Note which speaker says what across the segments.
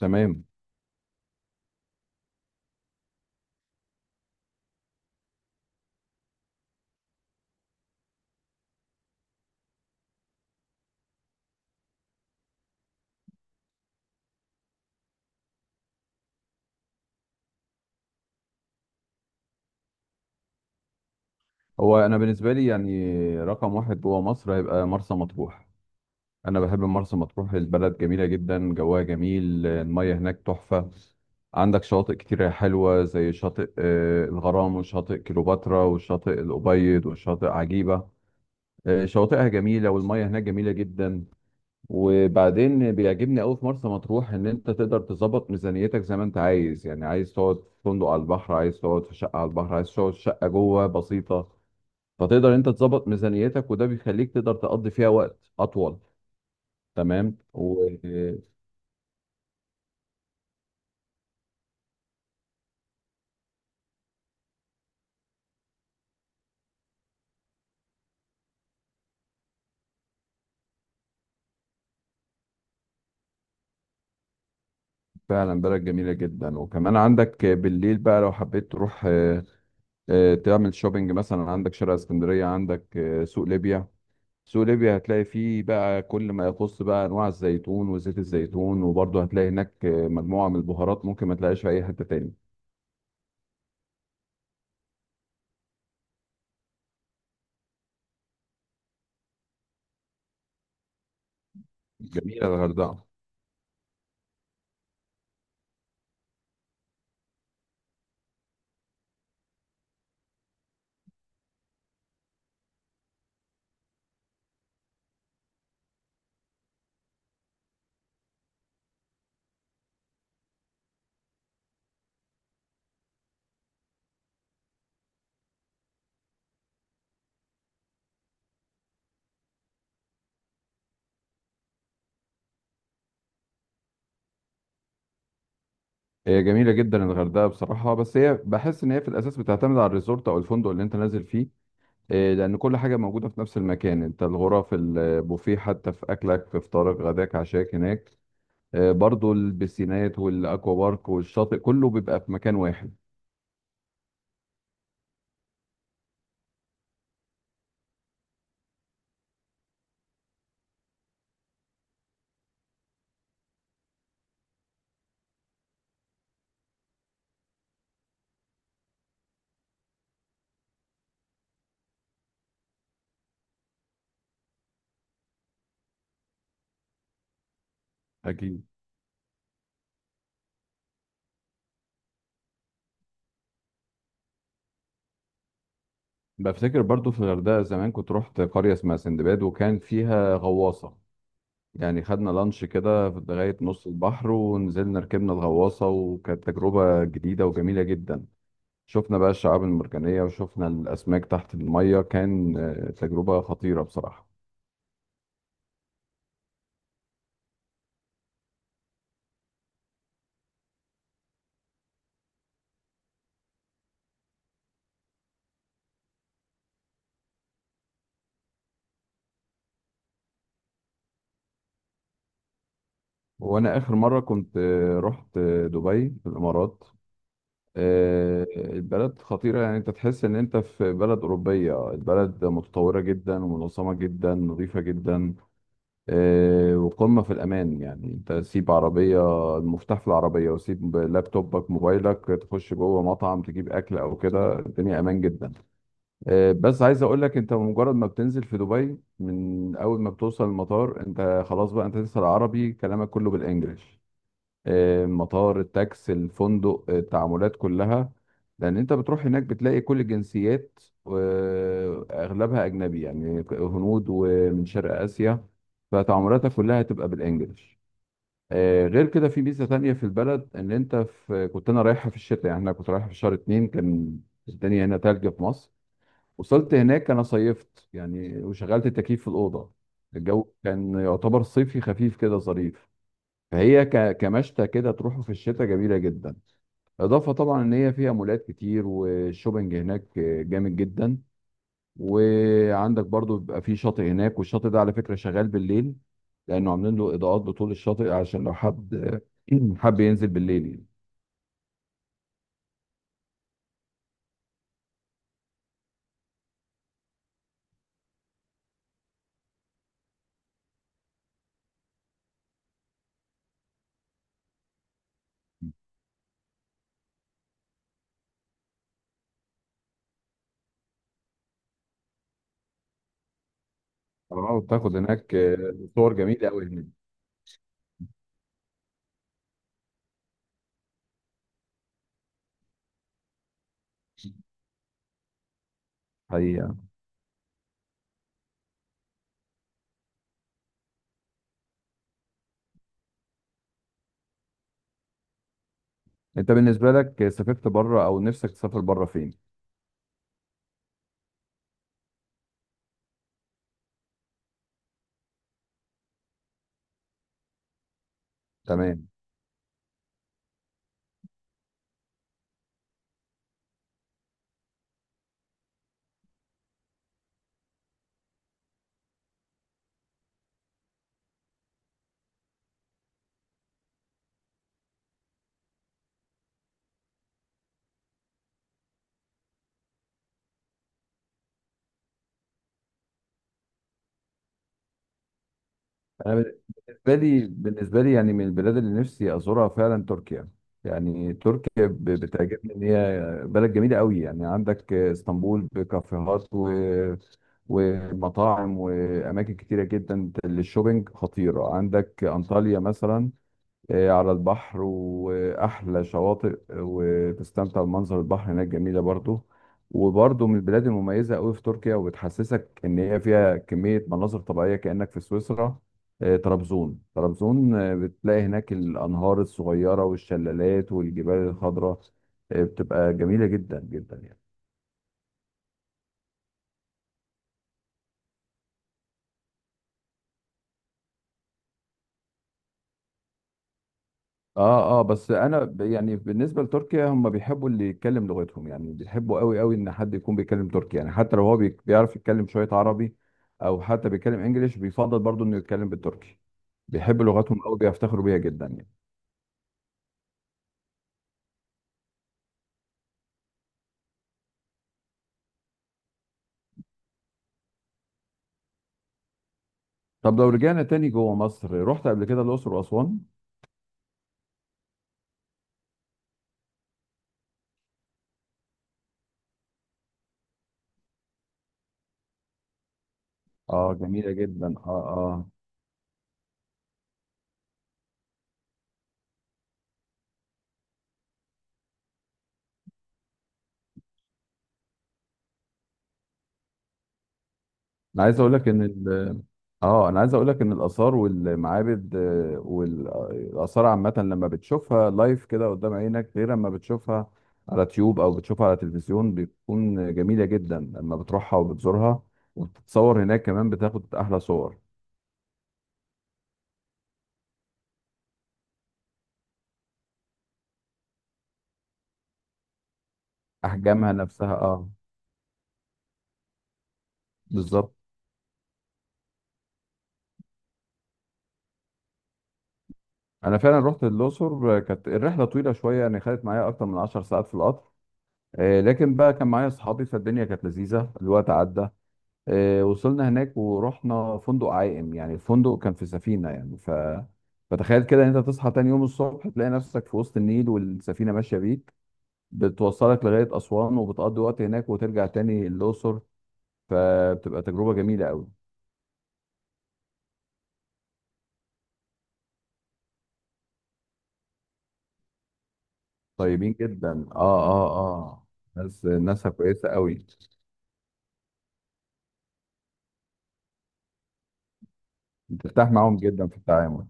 Speaker 1: تمام. هو انا بالنسبه لي يعني رقم واحد جوه مصر هيبقى مرسى مطروح. انا بحب مرسى مطروح، البلد جميله جدا، جوها جميل، الميه هناك تحفه. عندك شواطئ كتيره حلوه زي شاطئ الغرام، وشاطئ كليوباترا، وشاطئ الابيض، وشاطئ عجيبه. شواطئها جميله والميه هناك جميله جدا. وبعدين بيعجبني قوي في مرسى مطروح ان انت تقدر تظبط ميزانيتك زي ما انت عايز، يعني عايز تقعد في فندق على البحر، عايز تقعد في شقه على البحر، عايز تقعد في شقه جوه بسيطه. فتقدر انت تظبط ميزانيتك، وده بيخليك تقدر تقضي فيها وقت اطول. تمام وفعلا. بلد جميله جدا، وكمان عندك بالليل بقى لو حبيت تروح تعمل شوبينج مثلا. عندك شارع اسكندريه، عندك سوق ليبيا. سوق ليبيا هتلاقي فيه بقى كل ما يخص بقى انواع الزيتون وزيت الزيتون، وبرضه هتلاقي هناك مجموعه من البهارات ممكن ما تلاقيش في اي حته تاني. جميله الغردقه. هي جميله جدا الغردقه بصراحه، بس هي بحس ان هي في الاساس بتعتمد على الريزورت او الفندق اللي انت نازل فيه. إيه، لأن كل حاجة موجودة في نفس المكان، أنت الغرف، البوفيه، حتى في أكلك في فطارك غداك عشاك هناك. إيه، برضو البسينات والأكوا بارك والشاطئ كله بيبقى في مكان واحد. أكيد. بفتكر برضو في الغردقة زمان كنت رحت قرية اسمها سندباد، وكان فيها غواصة. يعني خدنا لانش كده لغاية نص البحر، ونزلنا ركبنا الغواصة، وكانت تجربة جديدة وجميلة جدا. شفنا بقى الشعاب المرجانية وشفنا الأسماك تحت المية، كان تجربة خطيرة بصراحة. وانا اخر مره كنت رحت دبي في الامارات. البلد خطيره، يعني انت تحس ان انت في بلد اوروبيه، البلد متطوره جدا، ومنظمه جدا، نظيفه جدا. وقمه في الامان، يعني انت سيب عربيه، المفتاح في العربيه، وسيب لابتوبك موبايلك، تخش جوه مطعم تجيب اكل او كده، الدنيا امان جدا. بس عايز اقول لك انت مجرد ما بتنزل في دبي، من اول ما بتوصل المطار، انت خلاص بقى، انت لسه العربي كلامك كله بالانجلش. مطار، التاكس، الفندق، التعاملات كلها. لان انت بتروح هناك بتلاقي كل الجنسيات، واغلبها اجنبي، يعني هنود ومن شرق اسيا، فتعاملاتك كلها هتبقى بالانجلش. غير كده في ميزه تانية في البلد ان انت في كنت انا رايحها في الشتاء، يعني انا كنت رايحها في شهر اتنين، كان الدنيا هنا تلج في مصر. وصلت هناك انا صيفت يعني وشغلت التكييف في الاوضه. الجو كان يعتبر صيفي خفيف كده ظريف. فهي كمشتى كده تروحوا في الشتاء جميله جدا. اضافه طبعا ان هي فيها مولات كتير، والشوبنج هناك جامد جدا. وعندك برضو بيبقى في شاطئ هناك، والشاطئ ده على فكره شغال بالليل، لانه عاملين له اضاءات بطول الشاطئ عشان لو حد حب ينزل بالليل يعني. طبعاً بتاخد هناك صور جميله قوي هناك. حقيقه. انت بالنسبه لك سافرت بره او نفسك تسافر بره فين؟ تمام. انا بالنسبة لي، يعني من البلاد اللي نفسي أزورها فعلا تركيا. يعني تركيا بتعجبني إن هي بلد جميلة قوي، يعني عندك اسطنبول بكافيهات ومطاعم وأماكن كتيرة جدا للشوبينج خطيرة. عندك أنطاليا مثلا على البحر، وأحلى شواطئ، وتستمتع بمنظر البحر هناك، جميلة برضو. وبرضو من البلاد المميزة أوي في تركيا، وبتحسسك إن هي فيها كمية مناظر طبيعية كأنك في سويسرا. طرابزون، طرابزون بتلاقي هناك الأنهار الصغيرة والشلالات والجبال الخضراء. بتبقى جميلة جدا جدا يعني. اه اه، بس انا يعني بالنسبه لتركيا هم بيحبوا اللي يتكلم لغتهم، يعني بيحبوا قوي قوي ان حد يكون بيتكلم تركي، يعني حتى لو هو بيعرف يتكلم شويه عربي، او حتى بيتكلم انجليش بيفضل برضه انه يتكلم بالتركي. بيحبوا لغتهم قوي، بيفتخروا بيها جدا يعني. طب لو رجعنا تاني جوه مصر، رحت قبل كده الاقصر واسوان؟ اه جميله جدا، اه اه. انا عايز اقول لك ان اه انا عايز اقول لك ان الاثار والمعابد، والاثار عامه، لما بتشوفها لايف كده قدام عينك غير لما بتشوفها على تيوب او بتشوفها على تلفزيون، بتكون جميله جدا لما بتروحها وبتزورها، وبتتصور هناك، كمان بتاخد احلى صور. احجامها نفسها اه. بالظبط. انا فعلا رحت الاقصر، كانت الرحله طويله شويه، يعني خدت معايا اكتر من 10 ساعات في القطر. لكن بقى كان معايا اصحابي، فالدنيا كانت لذيذه، الوقت عدى. وصلنا هناك ورحنا فندق عائم، يعني الفندق كان في سفينة، يعني. فتخيل كده ان انت تصحى تاني يوم الصبح تلاقي نفسك في وسط النيل، والسفينة ماشية بيك بتوصلك لغاية أسوان، وبتقضي وقت هناك، وترجع تاني الأقصر. فبتبقى تجربة جميلة قوي. طيبين جدا اه اه اه. ناسها كويسة قوي. بترتاح معاهم جدا في التعامل.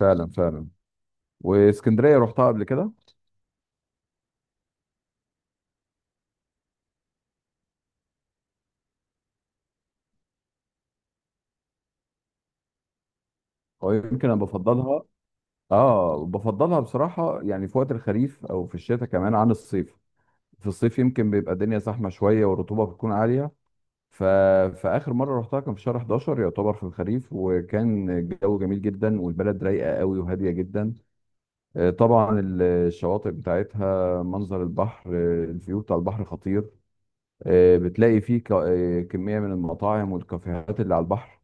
Speaker 1: فعلا فعلا. واسكندرية رحتها قبل كده. ويمكن انا بفضلها. اه بفضلها بصراحة، يعني في وقت الخريف او في الشتاء كمان عن الصيف. في الصيف يمكن بيبقى الدنيا زحمة شوية، والرطوبة بتكون عالية. ف... فآخر مرة رحتها كان في شهر 11، يعتبر في الخريف، وكان الجو جميل جدا، والبلد رايقة قوي وهادية جدا. طبعا الشواطئ بتاعتها، منظر البحر، الفيو بتاع البحر خطير. بتلاقي فيه كمية من المطاعم والكافيهات اللي على البحر.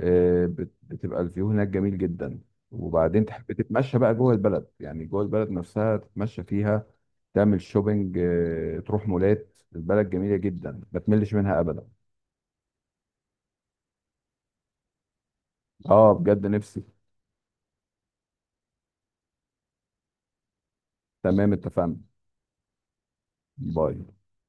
Speaker 1: بتبقى الفيو هناك جميل جدا. وبعدين تحب تتمشى بقى جوه البلد، يعني جوه البلد نفسها تتمشى فيها، تعمل شوبينج، تروح مولات، البلد جميلة جدا ما تملش منها أبدا. اه بجد نفسي. تمام اتفقنا. باي.